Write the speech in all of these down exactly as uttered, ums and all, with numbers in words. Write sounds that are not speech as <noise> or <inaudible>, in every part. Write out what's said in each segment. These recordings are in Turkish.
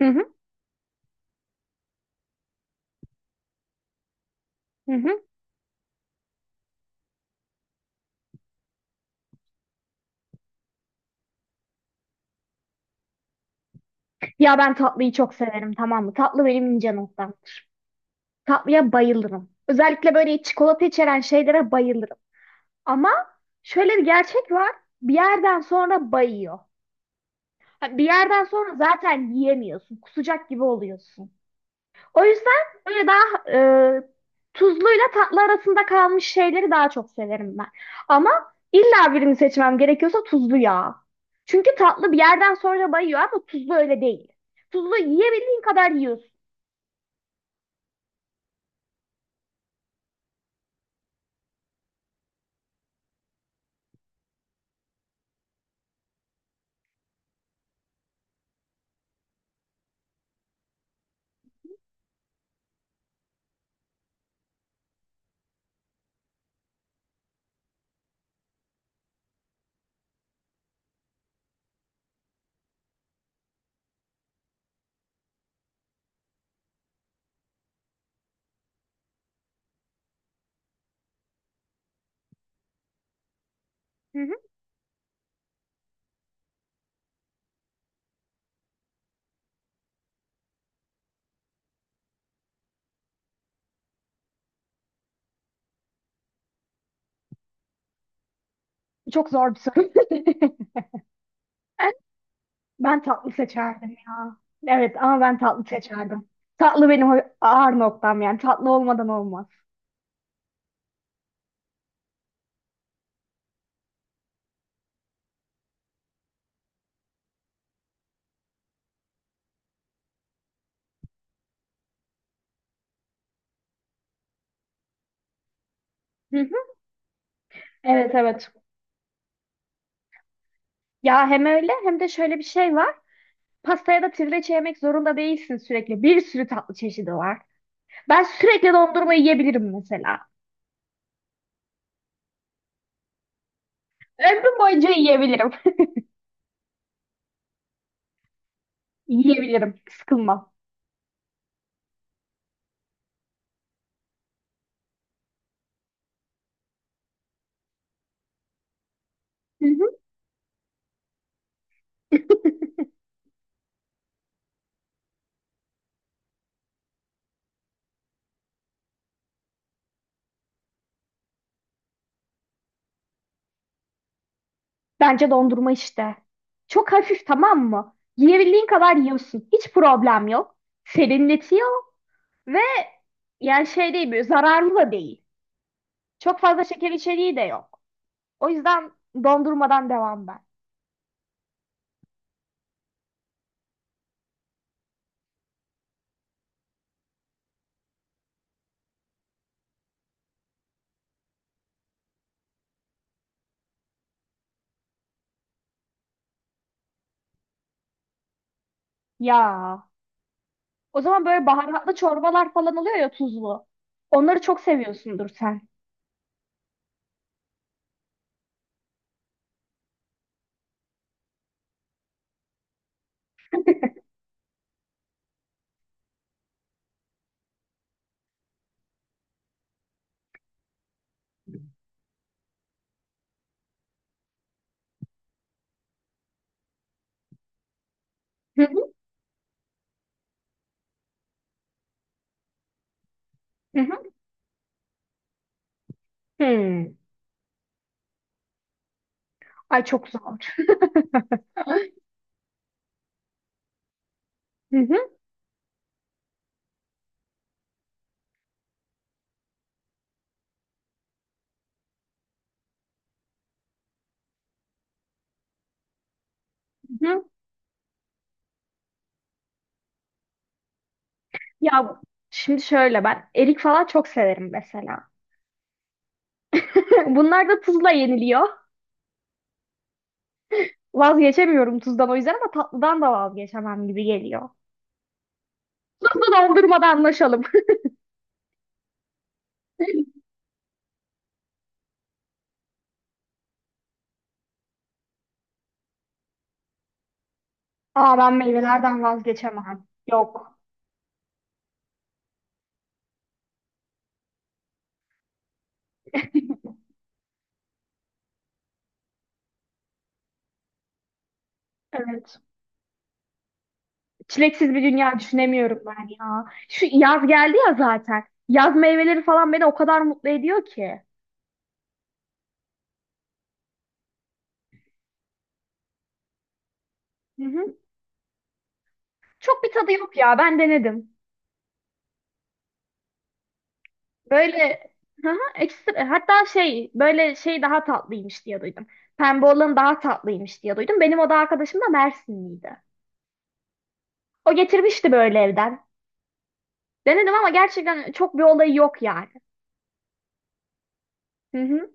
Hı hı, hı hı. Ya ben tatlıyı çok severim, tamam mı? Tatlı benim ince noktam. Tatlıya bayılırım. Özellikle böyle çikolata içeren şeylere bayılırım. Ama şöyle bir gerçek var. Bir yerden sonra bayıyor. Ha, bir yerden sonra zaten yiyemiyorsun. Kusacak gibi oluyorsun. O yüzden böyle daha e, tuzluyla tatlı arasında kalmış şeyleri daha çok severim ben. Ama illa birini seçmem gerekiyorsa tuzlu ya. Çünkü tatlı bir yerden sonra bayıyor ama tuzlu öyle değil. Tuzlu yiyebildiğin kadar yiyorsun. Hı hı. Çok zor bir soru. <laughs> Ben tatlı seçerdim ya. Evet ama ben tatlı seçerdim. Tatlı benim o ağır noktam yani. Tatlı olmadan olmaz. Hı hı. Evet, evet. Ya hem öyle hem de şöyle bir şey var. Pastaya da trileçe yemek zorunda değilsin sürekli. Bir sürü tatlı çeşidi var. Ben sürekli dondurma yiyebilirim mesela. Ömrüm boyunca yiyebilirim. <laughs> Yiyebilirim. Sıkılmam. Hı hı. Bence dondurma işte. Çok hafif, tamam mı? Yiyebildiğin kadar yiyorsun. Hiç problem yok. Serinletiyor ve yani şey değil, böyle zararlı da değil. Çok fazla şeker içeriği de yok. O yüzden dondurmadan devam ben. Ya o zaman böyle baharatlı çorbalar falan oluyor ya, tuzlu. Onları çok seviyorsundur sen. Hı hı, hı hı. Hmm. Ay, çok zor. Hı hı, hı hı. Ya şimdi şöyle, ben erik falan çok severim mesela. <laughs> Bunlar da tuzla yeniliyor. Vazgeçemiyorum tuzdan, o yüzden ama tatlıdan da vazgeçemem gibi geliyor. Tuzlu dondurmada anlaşalım. <laughs> Aa, ben meyvelerden vazgeçemem. Yok. Evet. Çileksiz bir dünya düşünemiyorum ben ya. Şu yaz geldi ya zaten. Yaz meyveleri falan beni o kadar mutlu ediyor ki. Hı hı. Çok bir tadı yok ya. Ben denedim. Böyle hı hı, ekstra hatta şey, böyle şey daha tatlıymış diye duydum. Pembe olan daha tatlıymış diye duydum. Benim oda arkadaşım da Mersinliydi. O getirmişti böyle evden. Denedim ama gerçekten çok bir olayı yok yani. Hı hı.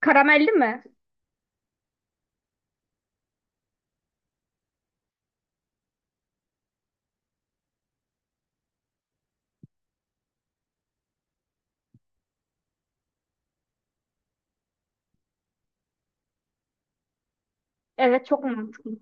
Karamelli mi? Evet, çok mantıklı.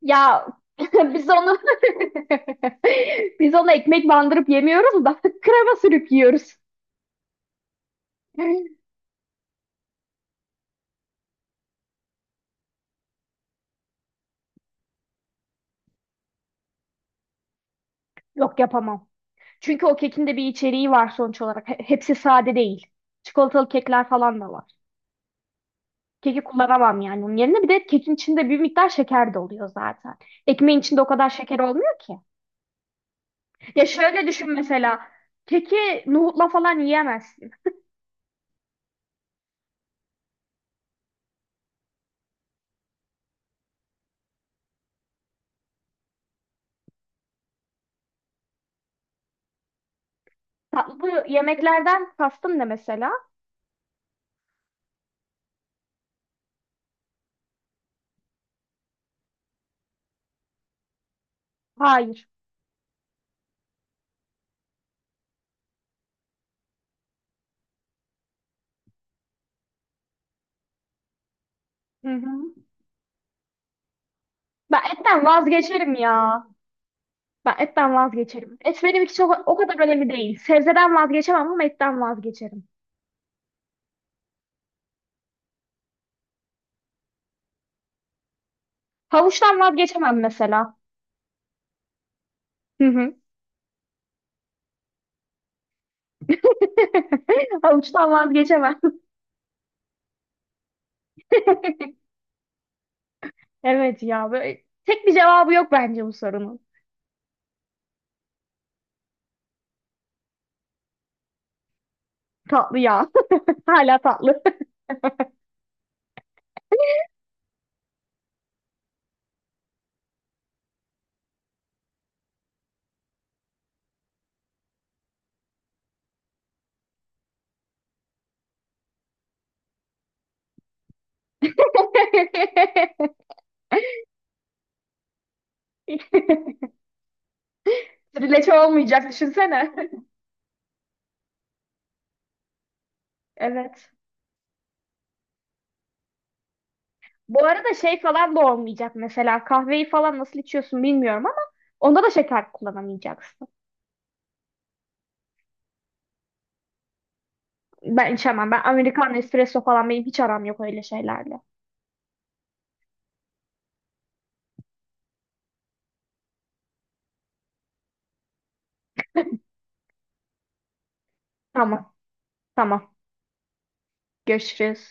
Ya, <laughs> biz onu <laughs> biz onu ekmek bandırıp yemiyoruz da <laughs> krema sürüp yiyoruz. Yok, yapamam. Çünkü o kekin de bir içeriği var sonuç olarak. He- Hepsi sade değil. Çikolatalı kekler falan da var. Keki kullanamam yani onun yerine. Bir de kekin içinde bir miktar şeker de oluyor zaten. Ekmeğin içinde o kadar şeker olmuyor ki. Ya şöyle düşün mesela. Keki nohutla falan yiyemezsin. Tatlı bu yemeklerden kastım ne mesela? Hayır. Hı hı. Ben etten vazgeçerim ya. Ben etten vazgeçerim. Et benim için o, o kadar önemli değil. Sebzeden vazgeçemem ama etten vazgeçerim. Havuçtan vazgeçemem mesela. Hı hı. <laughs> Havuçtan vazgeçemem. <laughs> Evet ya, böyle tek bir cevabı yok bence bu sorunun. Tatlı ya. <laughs> Hala tatlı. <laughs> Trileçe olmayacak, düşünsene. Evet. Bu arada şey falan da olmayacak mesela. Kahveyi falan nasıl içiyorsun bilmiyorum ama onda da şeker kullanamayacaksın. Ben içemem. Ben Amerikan espresso falan, benim hiç aram yok öyle şeylerle. Tamam. Tamam. Görüşürüz.